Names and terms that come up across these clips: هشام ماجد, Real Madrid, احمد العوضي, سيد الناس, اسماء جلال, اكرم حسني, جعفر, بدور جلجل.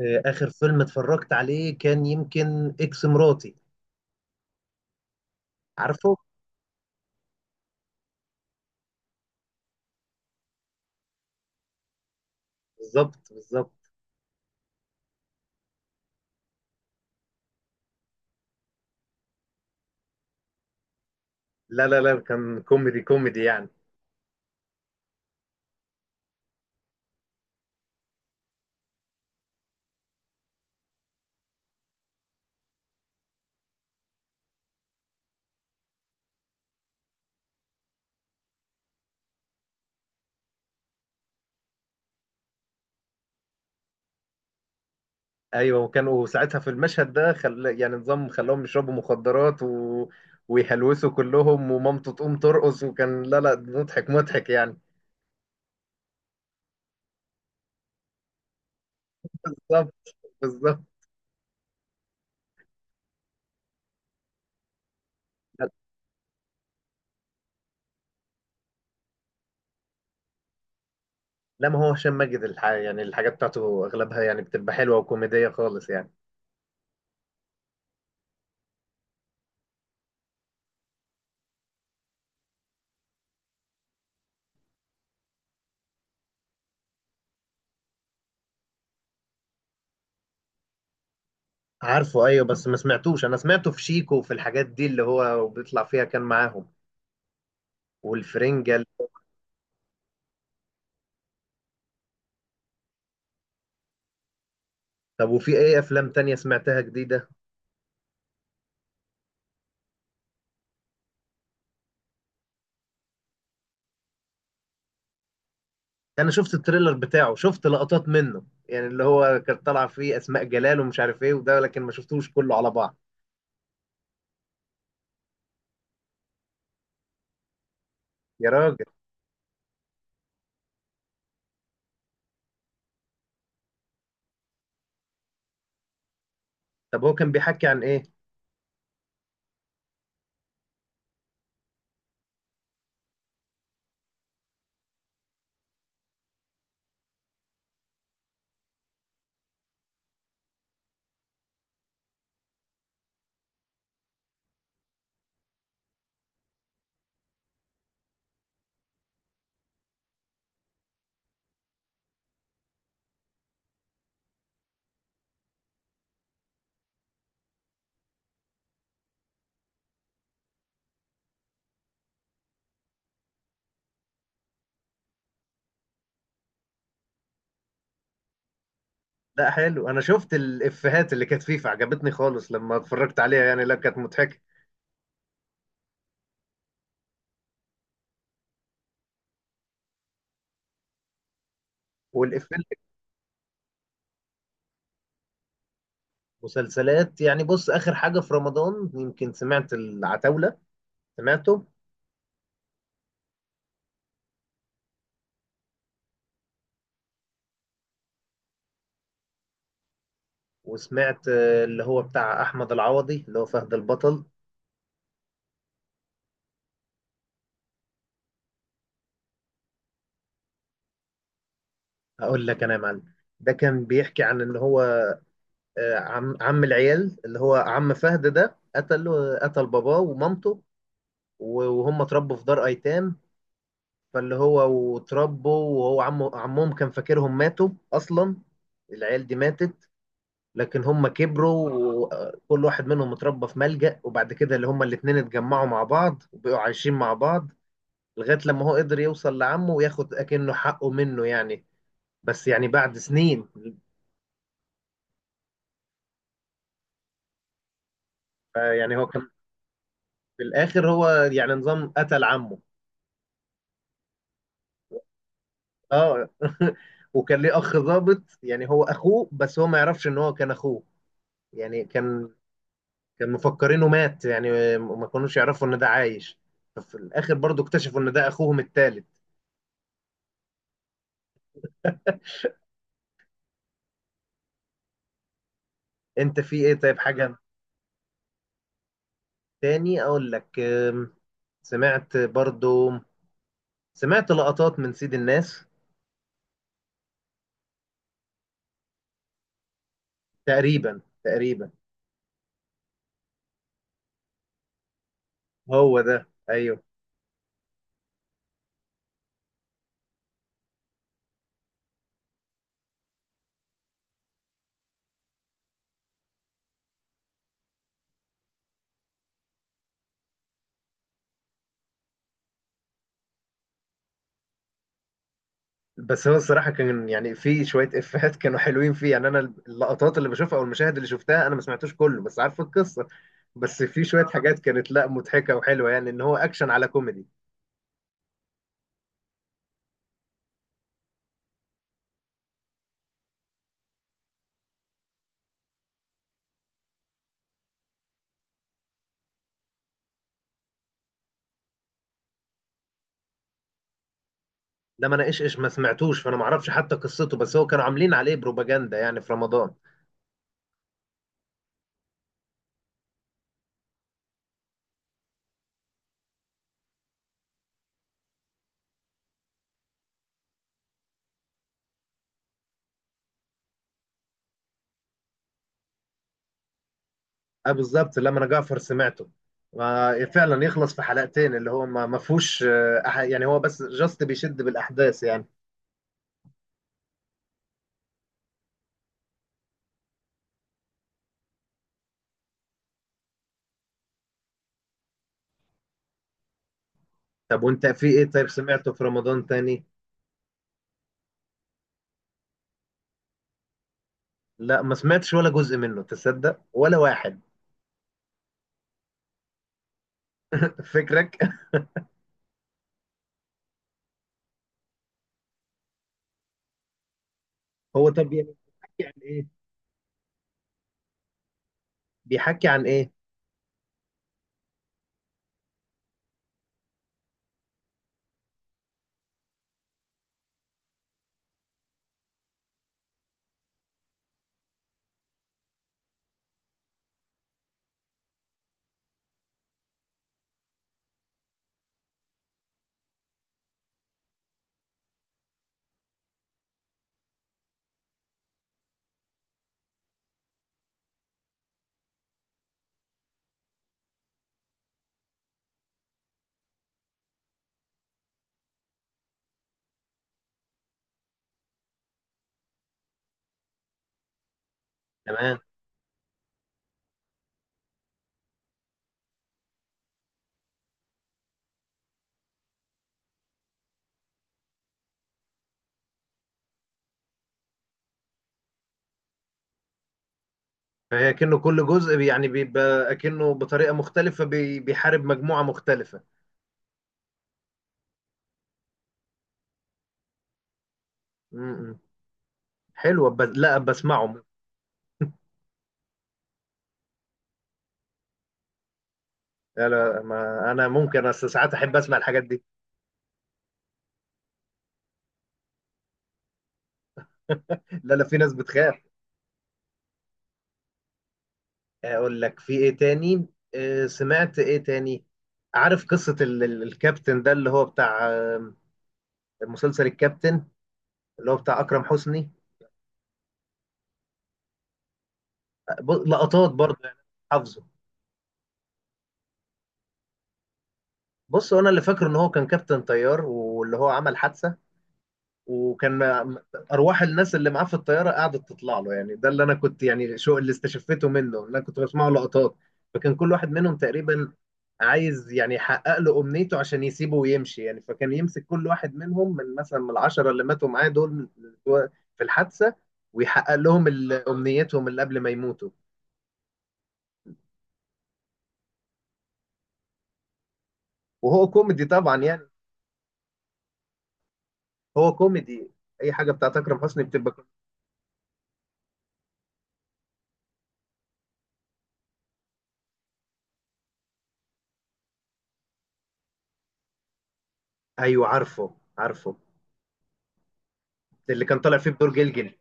آخر فيلم اتفرجت عليه كان يمكن إكس مراتي، عارفه؟ بالظبط بالظبط. لا لا لا، كان كوميدي كوميدي يعني. أيوه، وكانوا ساعتها في المشهد ده يعني نظام خلاهم يشربوا مخدرات ويهلوسوا كلهم ومامته تقوم ترقص، وكان لا لا مضحك مضحك يعني. بالظبط بالظبط. لا، ما هو هشام ماجد يعني الحاجات بتاعته أغلبها يعني بتبقى حلوة وكوميدية خالص يعني. عارفه، ايوه. بس ما سمعتوش، انا سمعته في شيكو وفي الحاجات دي اللي هو بيطلع فيها كان معاهم والفرنجل. طب وفي ايه افلام تانية سمعتها جديدة؟ انا شفت التريلر بتاعه، شفت لقطات منه، يعني اللي هو كان طالع فيه اسماء جلال ومش عارف ايه وده، لكن ما شفتوش كله على بعض. يا راجل. طب هو كان بيحكي عن ايه؟ لا حلو، انا شفت الافيهات اللي كانت فيه فعجبتني خالص لما اتفرجت عليها، يعني لا كانت مضحكة. والافيه اللي في المسلسلات، يعني بص، اخر حاجة في رمضان يمكن سمعت العتاولة. سمعته. وسمعت اللي هو بتاع احمد العوضي اللي هو فهد البطل. هقول لك انا يا معلم. ده كان بيحكي عن ان هو عم العيال اللي هو عم فهد ده قتل باباه ومامته. وهم اتربوا في دار ايتام، فاللي هو واتربوا، وهو عمهم كان فاكرهم ماتوا اصلا. العيال دي ماتت، لكن هم كبروا وكل واحد منهم اتربى في ملجأ. وبعد كده اللي هم الاتنين اتجمعوا مع بعض وبقوا عايشين مع بعض، لغاية لما هو قدر يوصل لعمه وياخد اكنه حقه منه يعني، بس يعني بعد سنين. يعني هو كان. في الاخر هو يعني نظام قتل عمه. اه. وكان ليه اخ ضابط، يعني هو اخوه بس هو ما يعرفش ان هو كان اخوه. يعني كان مفكرينه مات يعني، ما كانوش يعرفوا ان ده عايش. ففي الاخر برضو اكتشفوا ان ده اخوهم التالت. انت في ايه طيب حاجة تاني؟ اقول لك. سمعت برضو، سمعت لقطات من سيد الناس. تقريبا تقريبا. هو ده، ايوه. بس هو الصراحه كان يعني في شويه افيهات كانوا حلوين فيه، يعني انا اللقطات اللي بشوفها او المشاهد اللي شفتها، انا ما سمعتوش كله بس عارف القصه. بس في شويه حاجات كانت لا مضحكه وحلوه يعني، ان هو اكشن على كوميدي. لما انا ايش ايش ما سمعتوش، فانا ما اعرفش حتى قصته، بس هو كانوا عاملين عليه بروباجندا يعني في رمضان. اه بالظبط. لما انا جعفر سمعته، فعلا يخلص في حلقتين، اللي هو ما فيهوش يعني هو بس جاست بيشد بالاحداث يعني. طب وانت في ايه طيب سمعته في رمضان تاني؟ لا ما سمعتش ولا جزء منه، تصدق؟ ولا واحد. فكرك. هو طب يعني بيحكي عن ايه؟ بيحكي عن ايه. تمام. فهي كأنه كل جزء يعني بيبقى كأنه بطريقة مختلفة بيحارب مجموعة مختلفة. م-م. حلوة بس لا بسمعه. لا لا، ما انا ممكن اصل ساعات احب اسمع الحاجات دي. لا لا، في ناس بتخاف. اقول لك في ايه تاني. سمعت ايه تاني. عارف قصة الكابتن ده اللي هو بتاع مسلسل الكابتن اللي هو بتاع اكرم حسني. لقطات برضه يعني. حافظه. بص، هو انا اللي فاكره ان هو كان كابتن طيار واللي هو عمل حادثه، وكان م- ارواح الناس اللي معاه في الطياره قعدت تطلع له، يعني ده اللي انا كنت يعني شو اللي استشفيته منه، إن انا كنت بسمعه لقطات. فكان كل واحد منهم تقريبا عايز يعني يحقق له امنيته عشان يسيبه ويمشي يعني. فكان يمسك كل واحد منهم، من مثلا من 10 اللي ماتوا معاه دول في الحادثه، ويحقق لهم امنيتهم اللي قبل ما يموتوا. وهو كوميدي طبعا يعني. هو كوميدي. اي حاجه بتاعت اكرم حسني بتبقى كوميدي. ايوه عارفه عارفه. اللي كان طالع فيه بدور جلجل.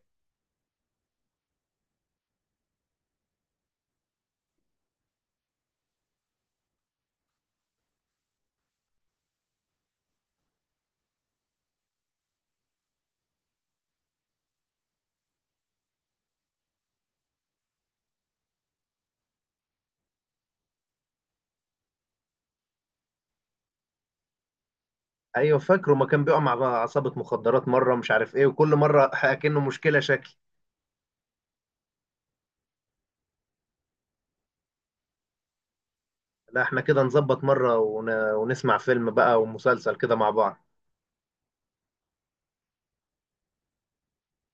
ايوه فاكره، ما كان بيقع مع عصابه مخدرات مره مش عارف ايه، وكل مره اكنه مشكله شكل. لا احنا كده نظبط مره ونسمع فيلم بقى ومسلسل كده مع بعض.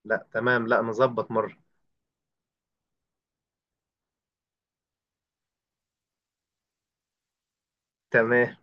لا تمام، لا نظبط مره. تمام